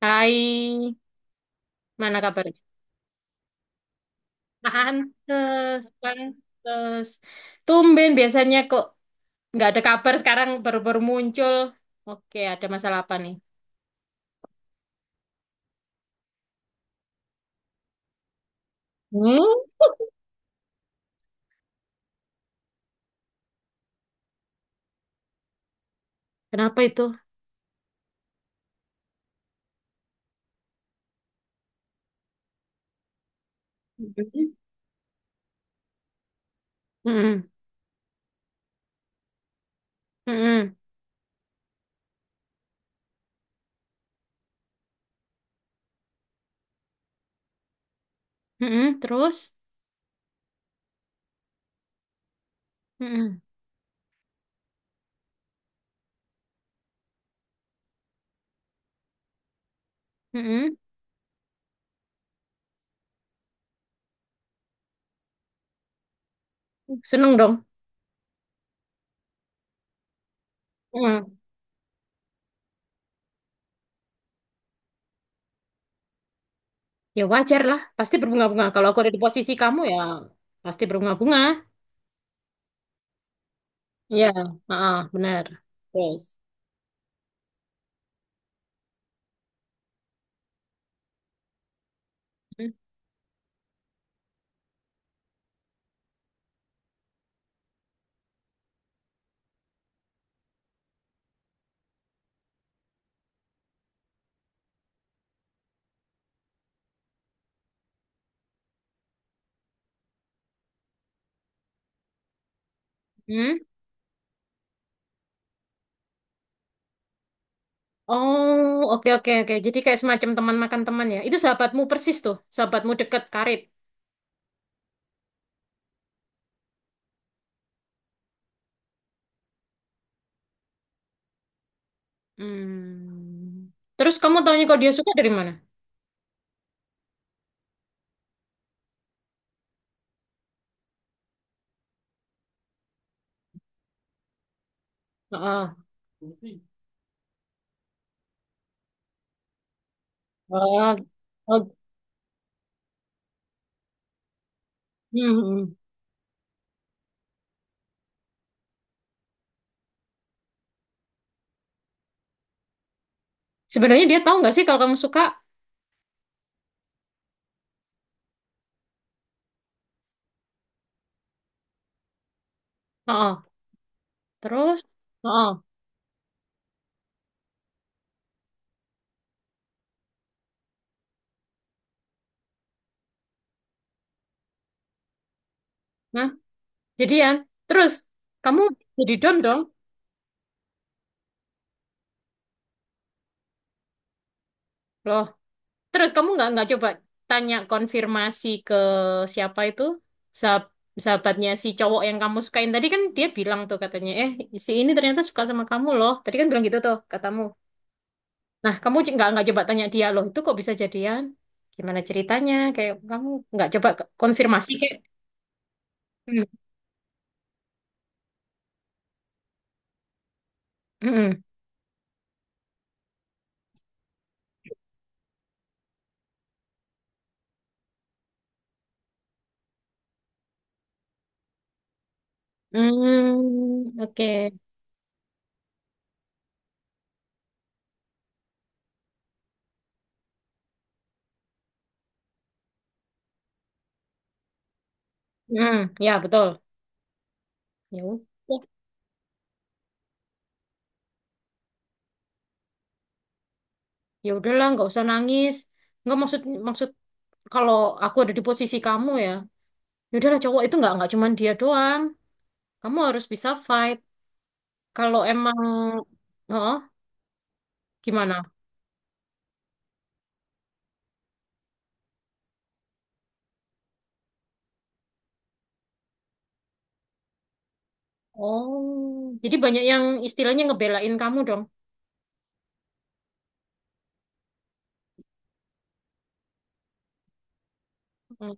Hai, mana kabarnya? Pantes, pantes. Tumben biasanya kok nggak ada kabar, sekarang baru-baru muncul. Oke, ada masalah apa nih? Hmm? Kenapa itu? Mm-mm. Mm-mm. Mm-mm. Mm-mm. Terus? Mm-mm. Mm-mm. Seneng dong. Mm. Ya wajar lah, pasti berbunga-bunga. Kalau aku ada di posisi kamu, ya pasti berbunga-bunga. Iya, ah, benar. Terus? Mm-mm. Oh, oke oke oke. Jadi kayak semacam teman makan teman ya. Itu sahabatmu persis tuh, sahabatmu dekat karib. Hmm. Terus kamu taunya kalau dia suka dari mana? Heeh. Oh, oh, hmm, hmm. Sebenarnya dia tahu nggak sih kalau kamu suka? Heeh. Terus, heeh. Nah, jadian. Terus kamu jadi don dong. Loh, terus kamu nggak coba tanya konfirmasi ke siapa itu, sah- sahabatnya si cowok yang kamu sukain tadi. Kan dia bilang tuh, katanya, si ini ternyata suka sama kamu loh, tadi kan bilang gitu tuh katamu. Nah kamu c- nggak coba tanya dia loh, itu kok bisa jadian? Gimana ceritanya? Kayak kamu nggak coba ke- konfirmasi kayak hmm, hmm, hmm, oke. Hmm, ya betul, ya udah. Ya udahlah, nggak usah nangis. Nggak maksud maksud kalau aku ada di posisi kamu ya, ya udahlah, cowok itu nggak cuman dia doang. Kamu harus bisa fight kalau emang oh gimana. Oh, jadi banyak yang istilahnya ngebelain kamu dong. Hmm.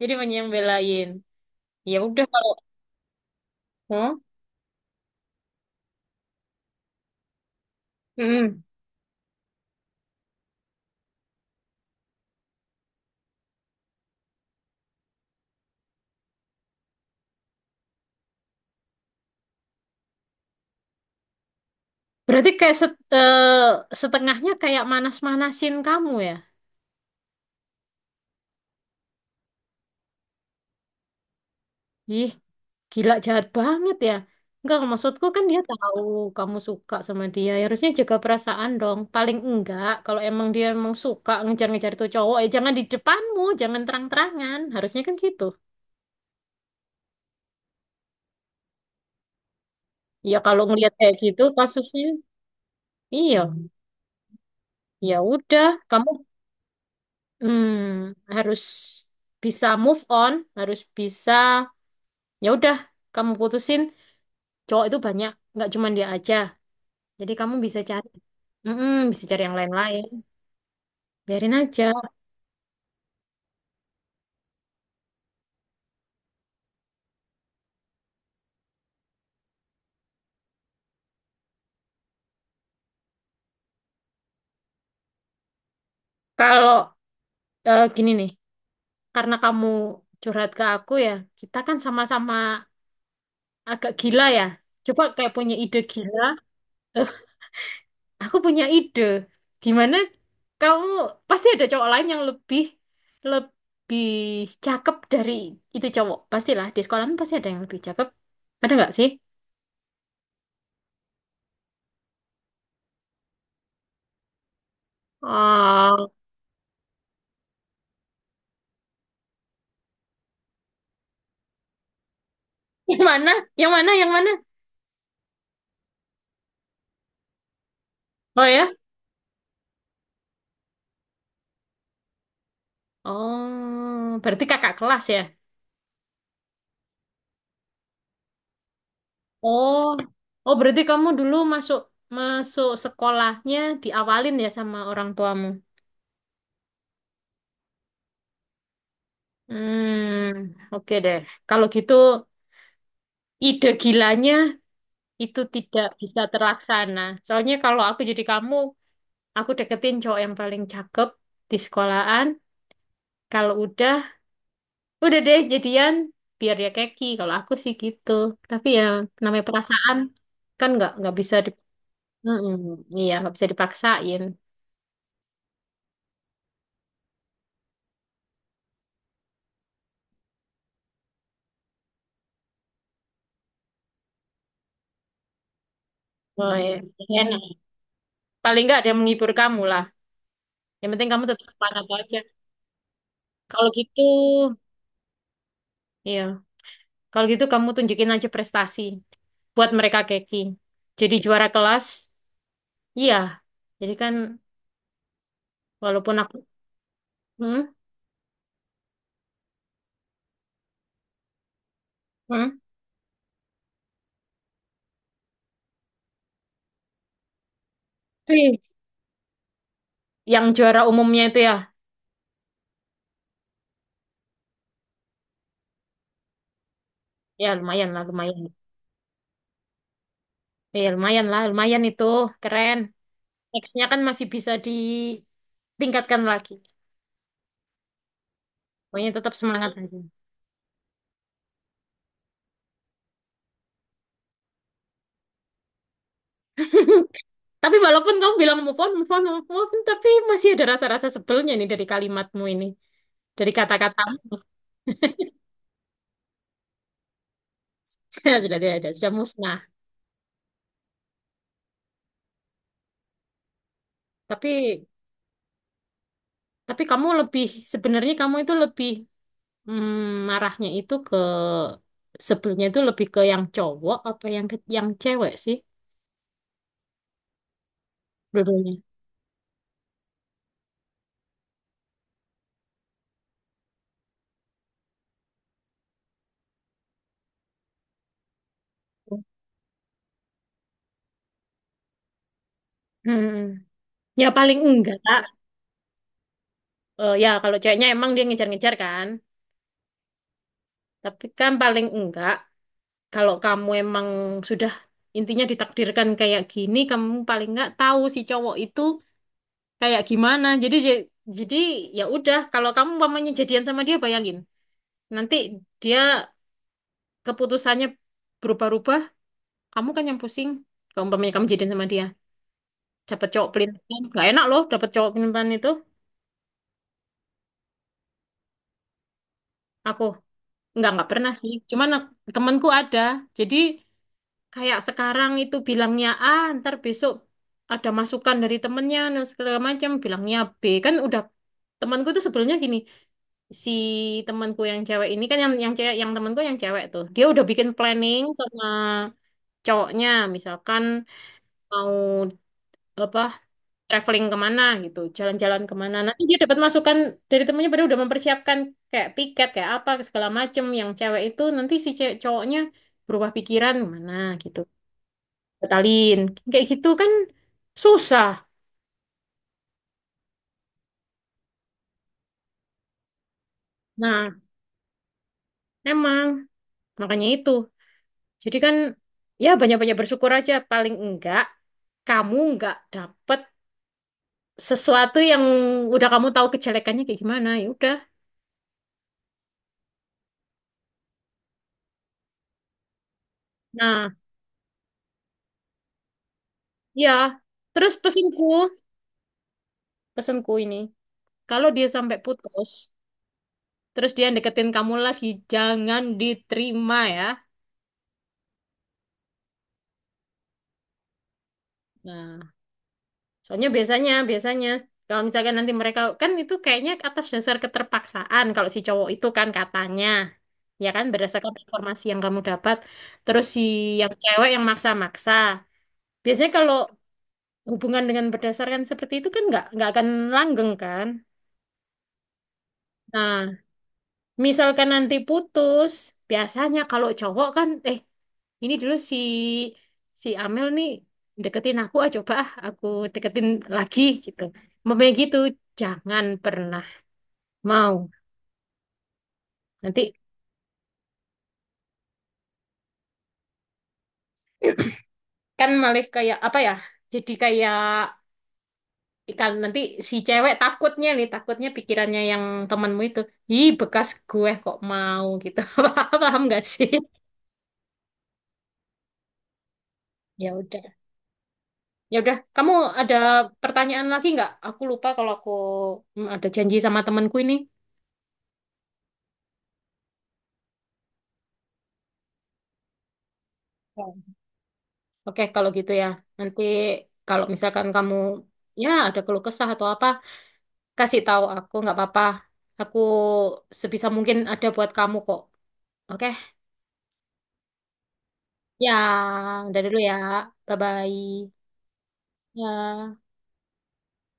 Jadi banyak yang belain, ya udah kalau oh mm. Berarti kayak set-, setengahnya kayak manas-manasin kamu ya. Ih, gila jahat banget ya. Enggak, maksudku kan dia tahu kamu suka sama dia. Ya harusnya jaga perasaan dong. Paling enggak, kalau emang dia emang suka ngejar-ngejar itu cowok, ya jangan di depanmu, jangan terang-terangan. Harusnya kan gitu. Ya kalau ngelihat kayak gitu kasusnya, iya, ya udah, kamu hmm, harus bisa move on, harus bisa, ya udah, kamu putusin. Cowok itu banyak, nggak cuma dia aja. Jadi kamu bisa cari, mm, bisa cari yang lain-lain, biarin aja. Kalau gini nih, karena kamu curhat ke aku ya, kita kan sama-sama agak gila ya. Coba kayak punya ide gila. Eh, aku punya ide. Gimana kamu pasti ada cowok lain yang lebih lebih cakep dari itu cowok. Pastilah di sekolah kan pasti ada yang lebih cakep. Ada nggak sih? Oh, yang mana? Yang mana? Yang mana? Oh ya? Oh, berarti kakak kelas ya? Oh, oh berarti kamu dulu masuk masuk sekolahnya, diawalin ya sama orang tuamu. Hmm, oke deh. Kalau gitu ide gilanya itu tidak bisa terlaksana. Soalnya kalau aku jadi kamu, aku deketin cowok yang paling cakep di sekolahan. Kalau udah deh jadian biar dia keki. Kalau aku sih gitu. Tapi ya namanya perasaan kan nggak bisa di, mm-mm. Iya, nggak bisa dipaksain. Oh, iya. Enak. Paling nggak ada yang menghibur kamu lah. Yang penting kamu tetap semangat apa aja. Kalau gitu, iya. Kalau gitu kamu tunjukin aja prestasi buat mereka keki. Jadi juara kelas, iya. Jadi kan walaupun aku, hmm, hmm. Wih, yang juara umumnya itu ya, ya lumayan lah, lumayan. Ya lumayan lah, lumayan itu keren. Nextnya kan masih bisa ditingkatkan lagi. Pokoknya tetap semangat aja. Tapi walaupun kamu bilang move on, move on, move on, tapi masih ada rasa-rasa sebelnya nih dari kalimatmu ini. Dari kata-kata sudah tidak ada, sudah musnah. Tapi tapi kamu lebih, sebenarnya kamu itu lebih mm, marahnya itu ke, sebelumnya itu lebih ke yang cowok apa yang ke, yang cewek sih dulunya. Hmm. Hmm. Ya paling enggak Kak. Ya kalau ceweknya emang dia ngejar-ngejar kan, tapi kan paling enggak kalau kamu emang sudah intinya ditakdirkan kayak gini, kamu paling enggak tahu si cowok itu kayak gimana. Jadi j- jadi ya udah, kalau kamu umpamanya jadian sama dia, bayangin nanti dia keputusannya berubah-ubah, kamu kan yang pusing. Kalau umpamanya kamu jadian sama dia, dapat cowok pelintipan nggak enak loh, dapat cowok pelintipan itu. Aku nggak pernah sih, cuman temanku ada. Jadi kayak sekarang itu bilangnya A, ntar besok ada masukan dari temennya, dan segala macam, bilangnya B. Kan udah, temanku tuh sebelumnya gini, si temanku yang cewek ini kan yang cewek, yang temanku yang cewek tuh dia udah bikin planning sama cowoknya misalkan mau apa traveling kemana, gitu jalan-jalan kemana, nanti dia dapat masukan dari temennya, pada udah mempersiapkan kayak tiket kayak apa segala macem yang cewek itu, nanti si cewek cowoknya berubah pikiran mana gitu, batalin. Kayak gitu kan susah. Nah, emang makanya itu. Jadi kan ya banyak-banyak bersyukur aja, paling enggak kamu enggak dapet sesuatu yang udah kamu tahu kejelekannya kayak gimana, ya udah. Nah, ya. Terus pesanku pesanku ini, kalau dia sampai putus, terus dia deketin kamu lagi, jangan diterima ya. Nah, soalnya biasanya, biasanya kalau misalkan nanti mereka kan itu kayaknya atas dasar keterpaksaan kalau si cowok itu kan katanya. Ya kan berdasarkan informasi yang kamu dapat. Terus si yang cewek yang maksa-maksa. Biasanya kalau hubungan dengan berdasarkan seperti itu kan nggak akan langgeng kan. Nah, misalkan nanti putus, biasanya kalau cowok kan, ini dulu si si Amel nih deketin aku, ah coba ah aku deketin lagi gitu. Memang gitu, jangan pernah mau. Nanti kan malif kayak apa ya? Jadi kayak kan nanti si cewek takutnya nih, takutnya pikirannya yang temanmu itu, ih bekas gue kok mau gitu. Paham nggak sih? Ya udah. Ya udah, kamu ada pertanyaan lagi nggak? Aku lupa kalau aku hmm, ada janji sama temanku ini. Ya. Oke, kalau gitu ya. Nanti kalau misalkan kamu ya ada keluh kesah atau apa, kasih tahu aku nggak apa-apa. Aku sebisa mungkin ada buat kamu kok. Oke? Ya, udah dulu ya. Bye-bye. Ya.